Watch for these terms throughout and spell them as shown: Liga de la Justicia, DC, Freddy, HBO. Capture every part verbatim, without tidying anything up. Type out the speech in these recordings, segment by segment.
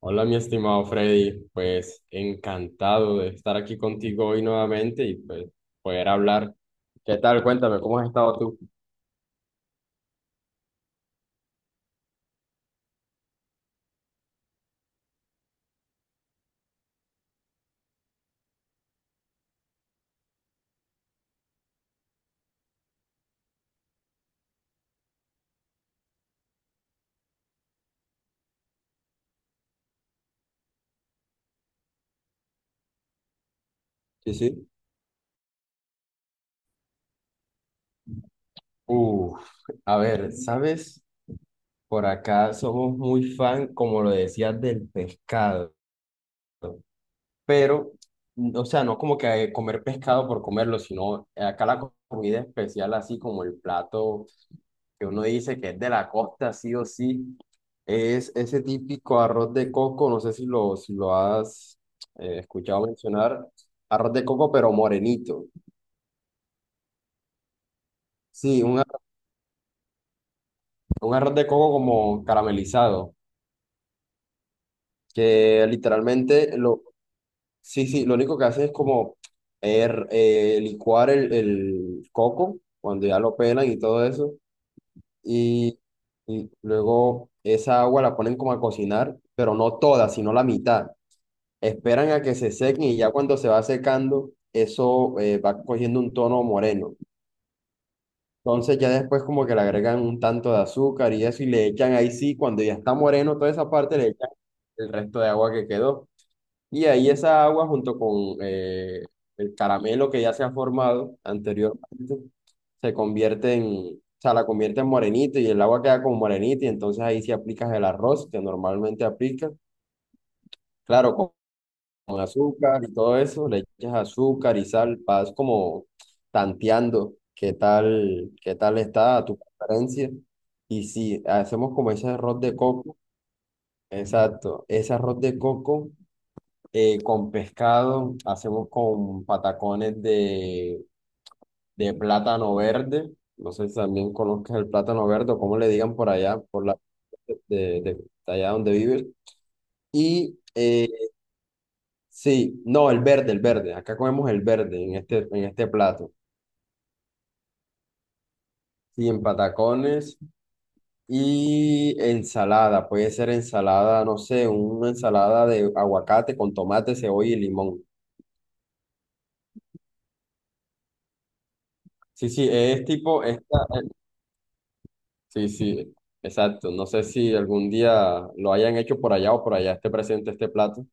Hola, mi estimado Freddy, pues encantado de estar aquí contigo hoy nuevamente y pues poder hablar. ¿Qué tal? Cuéntame, ¿cómo has estado tú? Sí, sí. Uf, a ver, ¿sabes? Por acá somos muy fan, como lo decías, del pescado, pero, mm, o sea, no como que comer pescado por comerlo, sino acá la comida especial, así como el plato. Que uno dice que es de la costa, sí o sí, es ese típico arroz de coco, no sé si lo, si lo has eh, escuchado mencionar, arroz de coco pero morenito. Sí, un, ar- un arroz de coco como caramelizado, que literalmente lo, sí, sí, lo único que hace es como er- eh, licuar el, el coco cuando ya lo pelan y todo eso, y, y luego esa agua la ponen como a cocinar, pero no toda, sino la mitad. Esperan a que se sequen y ya cuando se va secando, eso eh, va cogiendo un tono moreno. Entonces ya después como que le agregan un tanto de azúcar y eso y le echan ahí sí, cuando ya está moreno toda esa parte, le echan el resto de agua que quedó. Y ahí esa agua junto con eh, el caramelo que ya se ha formado anteriormente, se convierte en, o sea, la convierte en morenito y el agua queda como morenita y entonces ahí sí aplicas el arroz que normalmente aplicas. Claro, con azúcar y todo eso, le echas azúcar y sal, vas como tanteando qué tal, qué tal está a tu preferencia. Y si hacemos como ese arroz de coco, exacto, ese arroz de coco eh, con pescado, hacemos con patacones de, de plátano verde, no sé si también conozcas el plátano verde o cómo le digan por allá, por la de, de- de allá donde vives. Y eh, sí, no, el verde, el verde. Acá comemos el verde en este, en este plato. Sí, en patacones y ensalada. Puede ser ensalada, no sé, una ensalada de aguacate con tomate, cebolla y limón. Sí, sí, es tipo esta. eh, Sí, sí, exacto. No sé si algún día lo hayan hecho por allá o por allá esté presente este plato.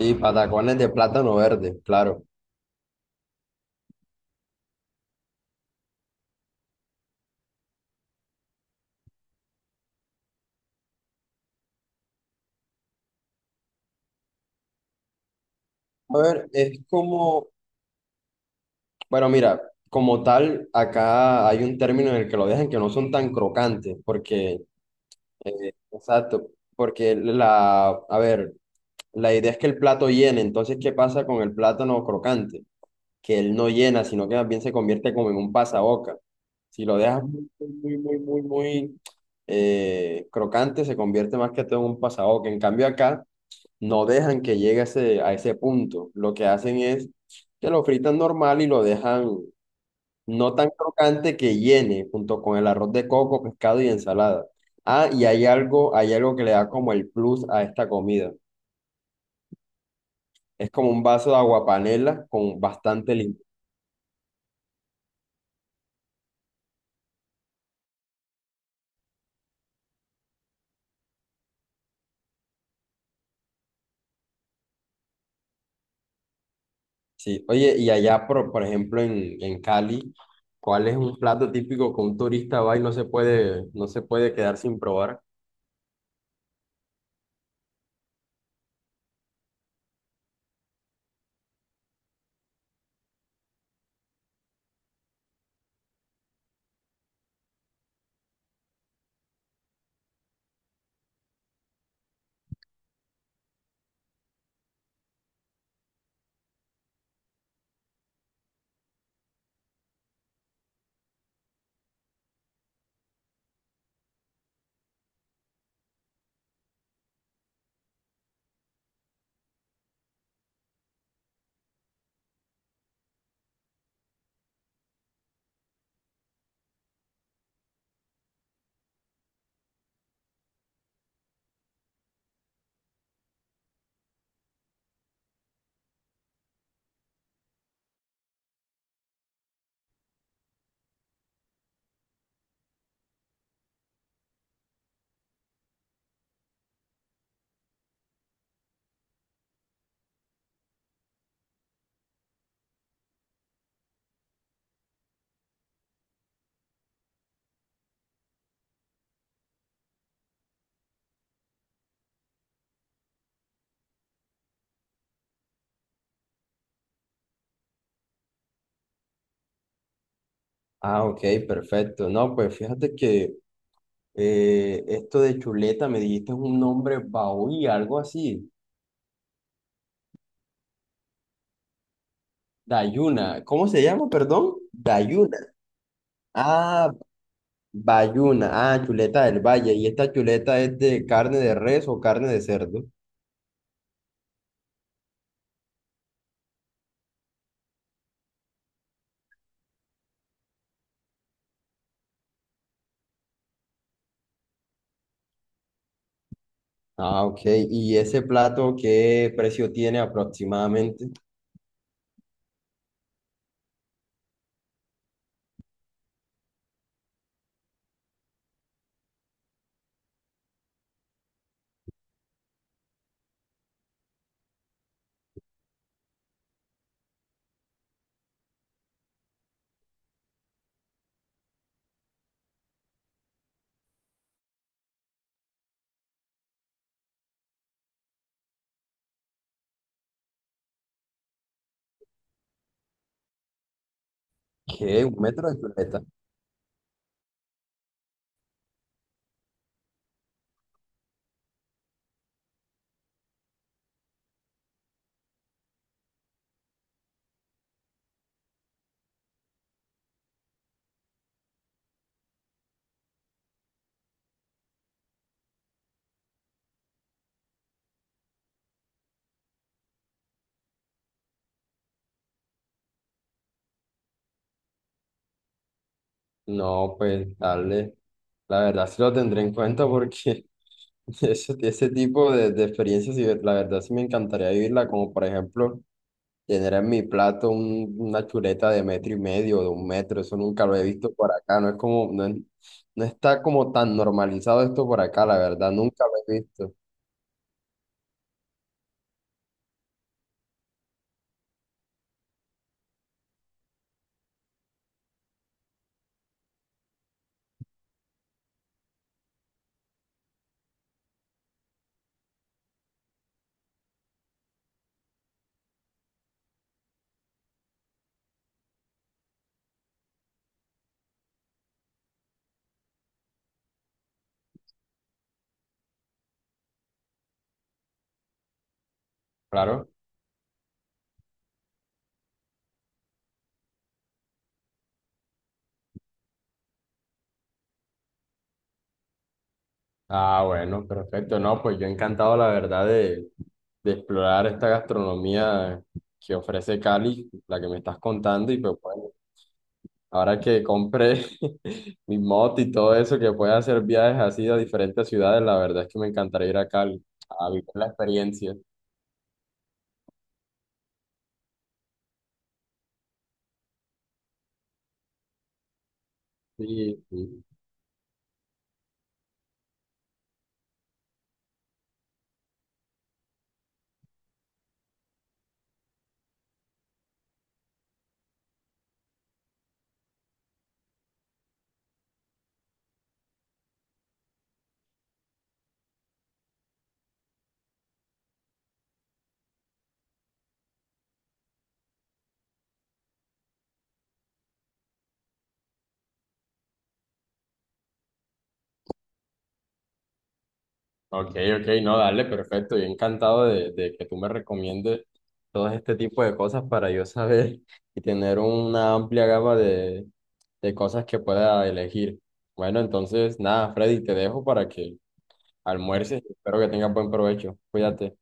Y patacones de plátano verde, claro. A ver, es como bueno, mira, como tal, acá hay un término en el que lo dejan que no son tan crocantes, porque, eh, exacto, porque la, a ver, la idea es que el plato llene, entonces, ¿qué pasa con el plátano crocante? Que él no llena, sino que más bien se convierte como en un pasaboca. Si lo dejas muy, muy, muy, muy, muy eh, crocante, se convierte más que todo en un pasaboca. En cambio, acá no dejan que llegue a ese, a ese punto. Lo que hacen es que lo fritan normal y lo dejan no tan crocante que llene, junto con el arroz de coco, pescado y ensalada. Ah, y hay algo, hay algo que le da como el plus a esta comida. Es como un vaso de aguapanela con bastante limón. Sí. Oye, y allá, por, por ejemplo, en, en Cali, ¿cuál es un plato típico que un turista va y no se puede, no se puede quedar sin probar? Ah, ok, perfecto. No, pues fíjate que eh, esto de chuleta me dijiste es un nombre baúl, algo así. Dayuna. ¿Cómo se llama, perdón? Dayuna. Ah, bayuna. Ah, chuleta del valle. ¿Y esta chuleta es de carne de res o carne de cerdo? Ah, ok. ¿Y ese plato qué precio tiene aproximadamente? ¿Qué? ¿Un metro de chuleta? No, pues dale. La verdad sí lo tendré en cuenta porque ese, ese tipo de, de experiencias, sí, la verdad sí me encantaría vivirla, como por ejemplo. Tener en mi plato un- una chuleta de metro y medio, de un metro, eso nunca lo he visto por acá, no es como, no, es- no está como tan normalizado esto por acá, la verdad, nunca lo he visto. Claro. Ah, bueno, perfecto. No, pues yo encantado, la verdad, de, de explorar esta gastronomía que ofrece Cali, la que me estás contando, y pues bueno, ahora que compré mi moto y todo eso, que pueda hacer viajes así a diferentes ciudades, la verdad es que me encantaría ir a Cali, a vivir la experiencia. Sí, sí. Ok, ok, no, dale, perfecto. Yo encantado de, de que tú me recomiendes todo este tipo de cosas para yo saber y tener una amplia gama de, de cosas que pueda elegir. Bueno, entonces, nada, Freddy, te dejo para que almuerces. Espero que tengas buen provecho. Cuídate.